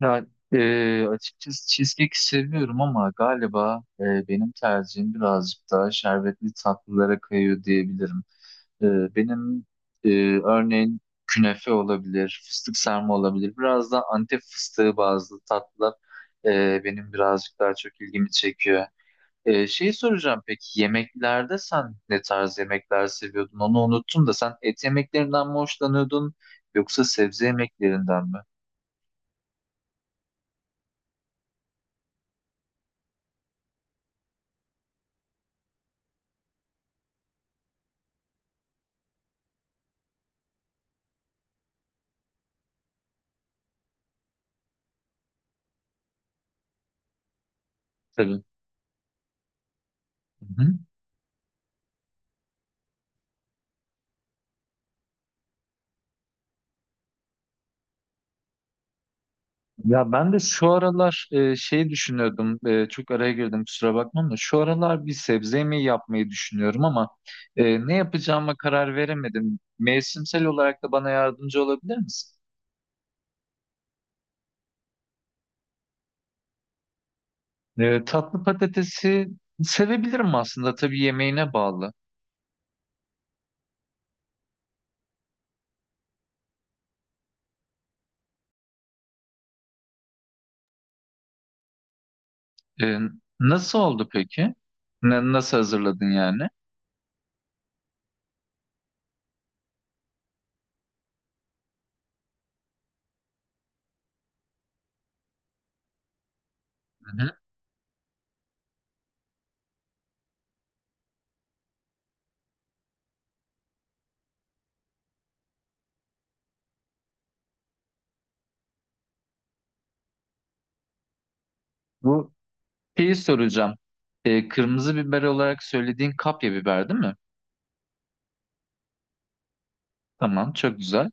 Ya, açıkçası cheesecake seviyorum ama galiba benim tercihim birazcık daha şerbetli tatlılara kayıyor diyebilirim. Benim e, örneğin künefe olabilir, fıstık sarma olabilir. Biraz da Antep fıstığı bazlı tatlılar benim birazcık daha çok ilgimi çekiyor. Şey soracağım peki, yemeklerde sen ne tarz yemekler seviyordun? Onu unuttum da sen et yemeklerinden mi hoşlanıyordun yoksa sebze yemeklerinden mi? Tabii. Hı hı. Ya, ben de şu aralar şey düşünüyordum, çok araya girdim kusura bakmam da şu aralar bir sebze yemeği yapmayı düşünüyorum ama ne yapacağıma karar veremedim. Mevsimsel olarak da bana yardımcı olabilir misin? Tatlı patatesi sevebilirim aslında, tabii yemeğine bağlı. E, Nasıl oldu peki? Nasıl hazırladın yani? Hı hı. Bu şeyi soracağım. Kırmızı biber olarak söylediğin kapya biber değil mi? Tamam, çok güzel.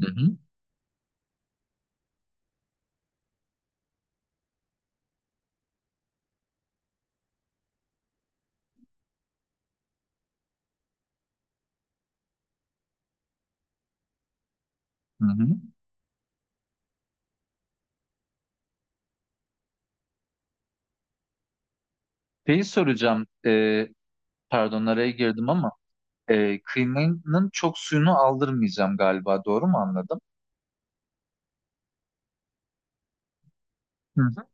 Hı hı. Hı hı. Şeyi soracağım. Pardon, araya girdim ama kıymanın çok suyunu aldırmayacağım galiba. Doğru mu anladım? Hı hı.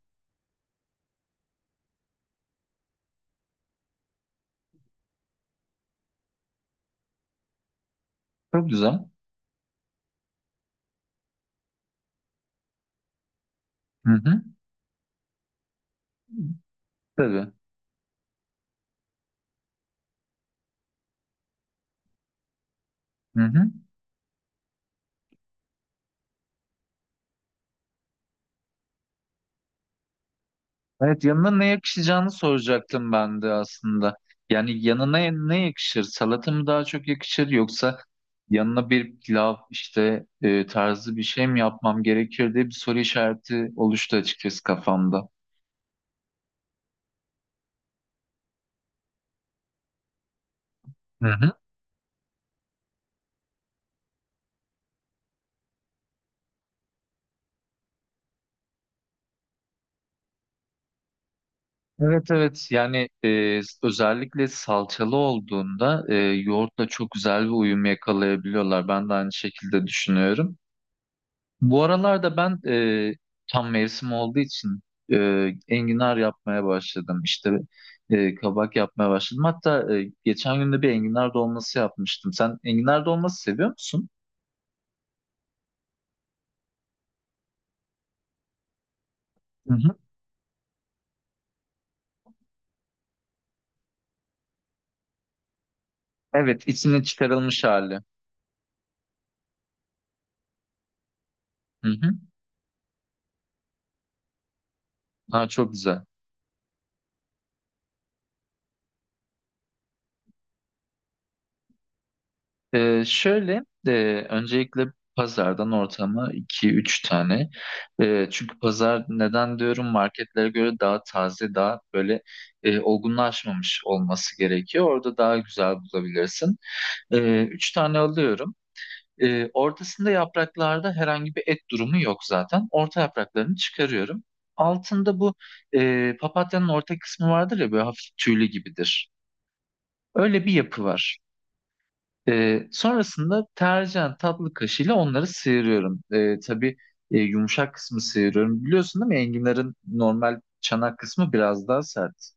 Çok güzel. Hı hı. Tabii. Hı hı. Evet, yanına ne yakışacağını soracaktım ben de aslında. Yani yanına ne yakışır? Salata mı daha çok yakışır yoksa yanına bir pilav işte tarzı bir şey mi yapmam gerekir diye bir soru işareti oluştu açıkçası kafamda. Hı hı. Evet, evet, yani özellikle salçalı olduğunda yoğurtla çok güzel bir uyum yakalayabiliyorlar. Ben de aynı şekilde düşünüyorum. Bu aralarda ben tam mevsim olduğu için enginar yapmaya başladım. İşte kabak yapmaya başladım. Hatta geçen gün de bir enginar dolması yapmıştım. Sen enginar dolması seviyor musun? Hı hı. Evet, içine çıkarılmış hali. Hı hı. Ha, çok güzel. Şöyle, öncelikle pazardan ortama iki üç tane. Çünkü pazar, neden diyorum, marketlere göre daha taze, daha böyle olgunlaşmamış olması gerekiyor. Orada daha güzel bulabilirsin. 3 tane alıyorum. Ortasında, yapraklarda herhangi bir et durumu yok zaten. Orta yapraklarını çıkarıyorum. Altında bu papatyanın orta kısmı vardır ya, böyle hafif tüylü gibidir. Öyle bir yapı var. Sonrasında tercihen tatlı kaşığıyla onları sıyırıyorum. Tabii yumuşak kısmı sıyırıyorum. Biliyorsun değil mi? Enginarın normal çanak kısmı biraz daha sert.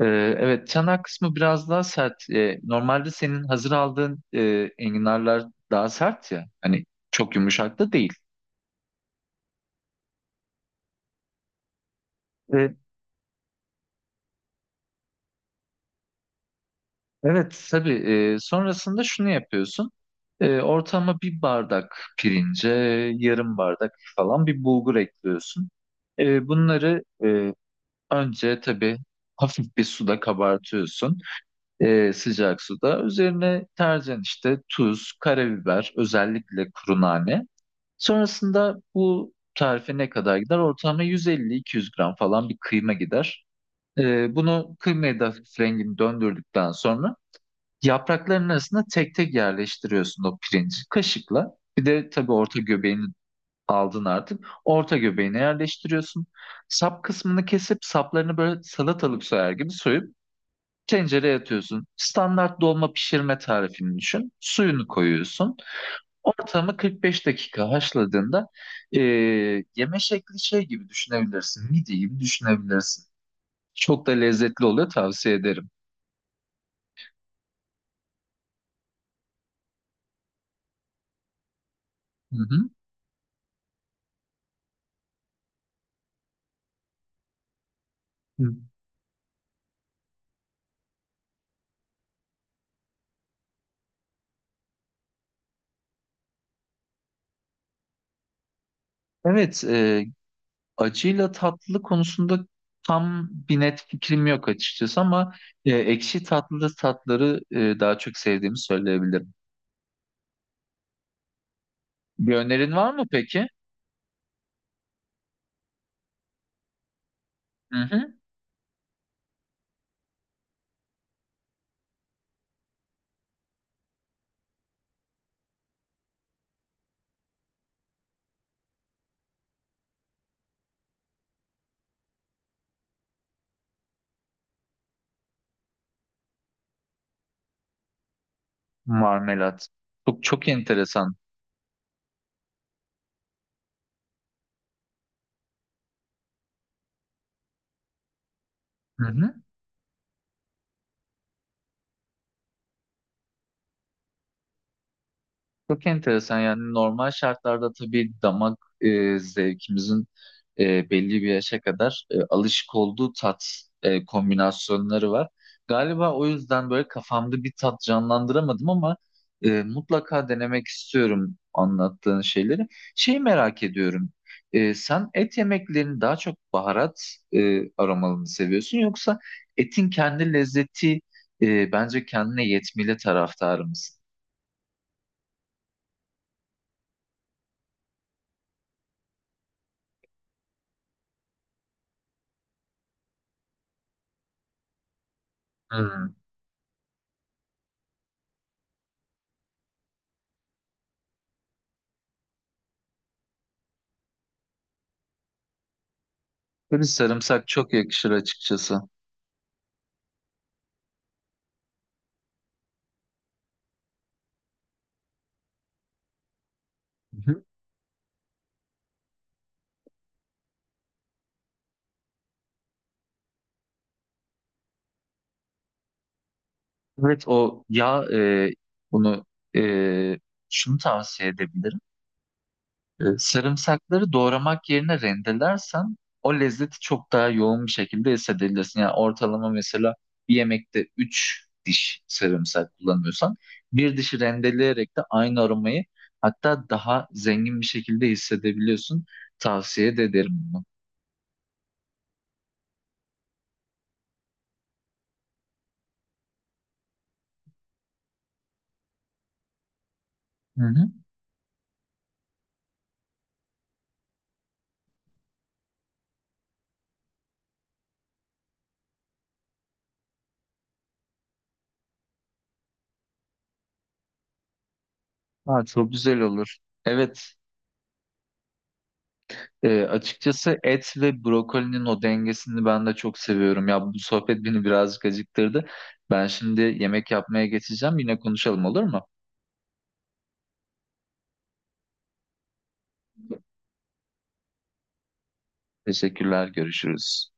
Ee, evet, çanak kısmı biraz daha sert. Normalde senin hazır aldığın enginarlar daha sert ya. Hani çok yumuşak da değil. Ee, evet, tabii, sonrasında şunu yapıyorsun. Ortama bir bardak pirince, yarım bardak falan bir bulgur ekliyorsun. Bunları önce tabii hafif bir suda kabartıyorsun. Sıcak suda. Üzerine tercihen işte tuz, karabiber, özellikle kuru nane. Sonrasında bu tarife ne kadar gider? Ortalama 150-200 gram falan bir kıyma gider. Bunu kıymaya da hafif rengini döndürdükten sonra yaprakların arasında tek tek yerleştiriyorsun o pirinci kaşıkla. Bir de tabii orta göbeğinin aldın artık. Orta göbeğine yerleştiriyorsun. Sap kısmını kesip saplarını böyle salatalık soyar gibi soyup tencereye atıyorsun. Standart dolma pişirme tarifini düşün. Suyunu koyuyorsun. Ortamı 45 dakika haşladığında e, yeme şekli şey gibi düşünebilirsin. Midye gibi düşünebilirsin. Çok da lezzetli oluyor, tavsiye ederim. Hı hı. Hı. Evet, acıyla tatlı konusunda tam bir net fikrim yok açıkçası ama ekşi tatlı tatları daha çok sevdiğimi söyleyebilirim. Bir önerin var mı peki? Hı hı. Marmelat. Çok çok enteresan. Hı hı. Çok enteresan, yani normal şartlarda tabii damak zevkimizin belli bir yaşa kadar alışık olduğu tat kombinasyonları var. Galiba o yüzden böyle kafamda bir tat canlandıramadım ama mutlaka denemek istiyorum anlattığın şeyleri. Şeyi merak ediyorum. Sen et yemeklerini daha çok baharat aromalı mı seviyorsun yoksa etin kendi lezzeti bence kendine yetmeli taraftarı mısın? Hmm. Tabii, sarımsak çok yakışır açıkçası. Hı-hı. Evet, o yağ, bunu, e, şunu tavsiye edebilirim. Sarımsakları doğramak yerine rendelersen o lezzeti çok daha yoğun bir şekilde hissedebilirsin. Yani ortalama mesela bir yemekte 3 diş sarımsak kullanıyorsan bir dişi rendeleyerek de aynı aromayı, hatta daha zengin bir şekilde hissedebiliyorsun. Tavsiye de ederim bunu. Hı hı. Ha, çok güzel olur. Evet. Açıkçası et ve brokolinin o dengesini ben de çok seviyorum. Ya, bu sohbet beni birazcık acıktırdı. Ben şimdi yemek yapmaya geçeceğim. Yine konuşalım, olur mu? Teşekkürler, görüşürüz.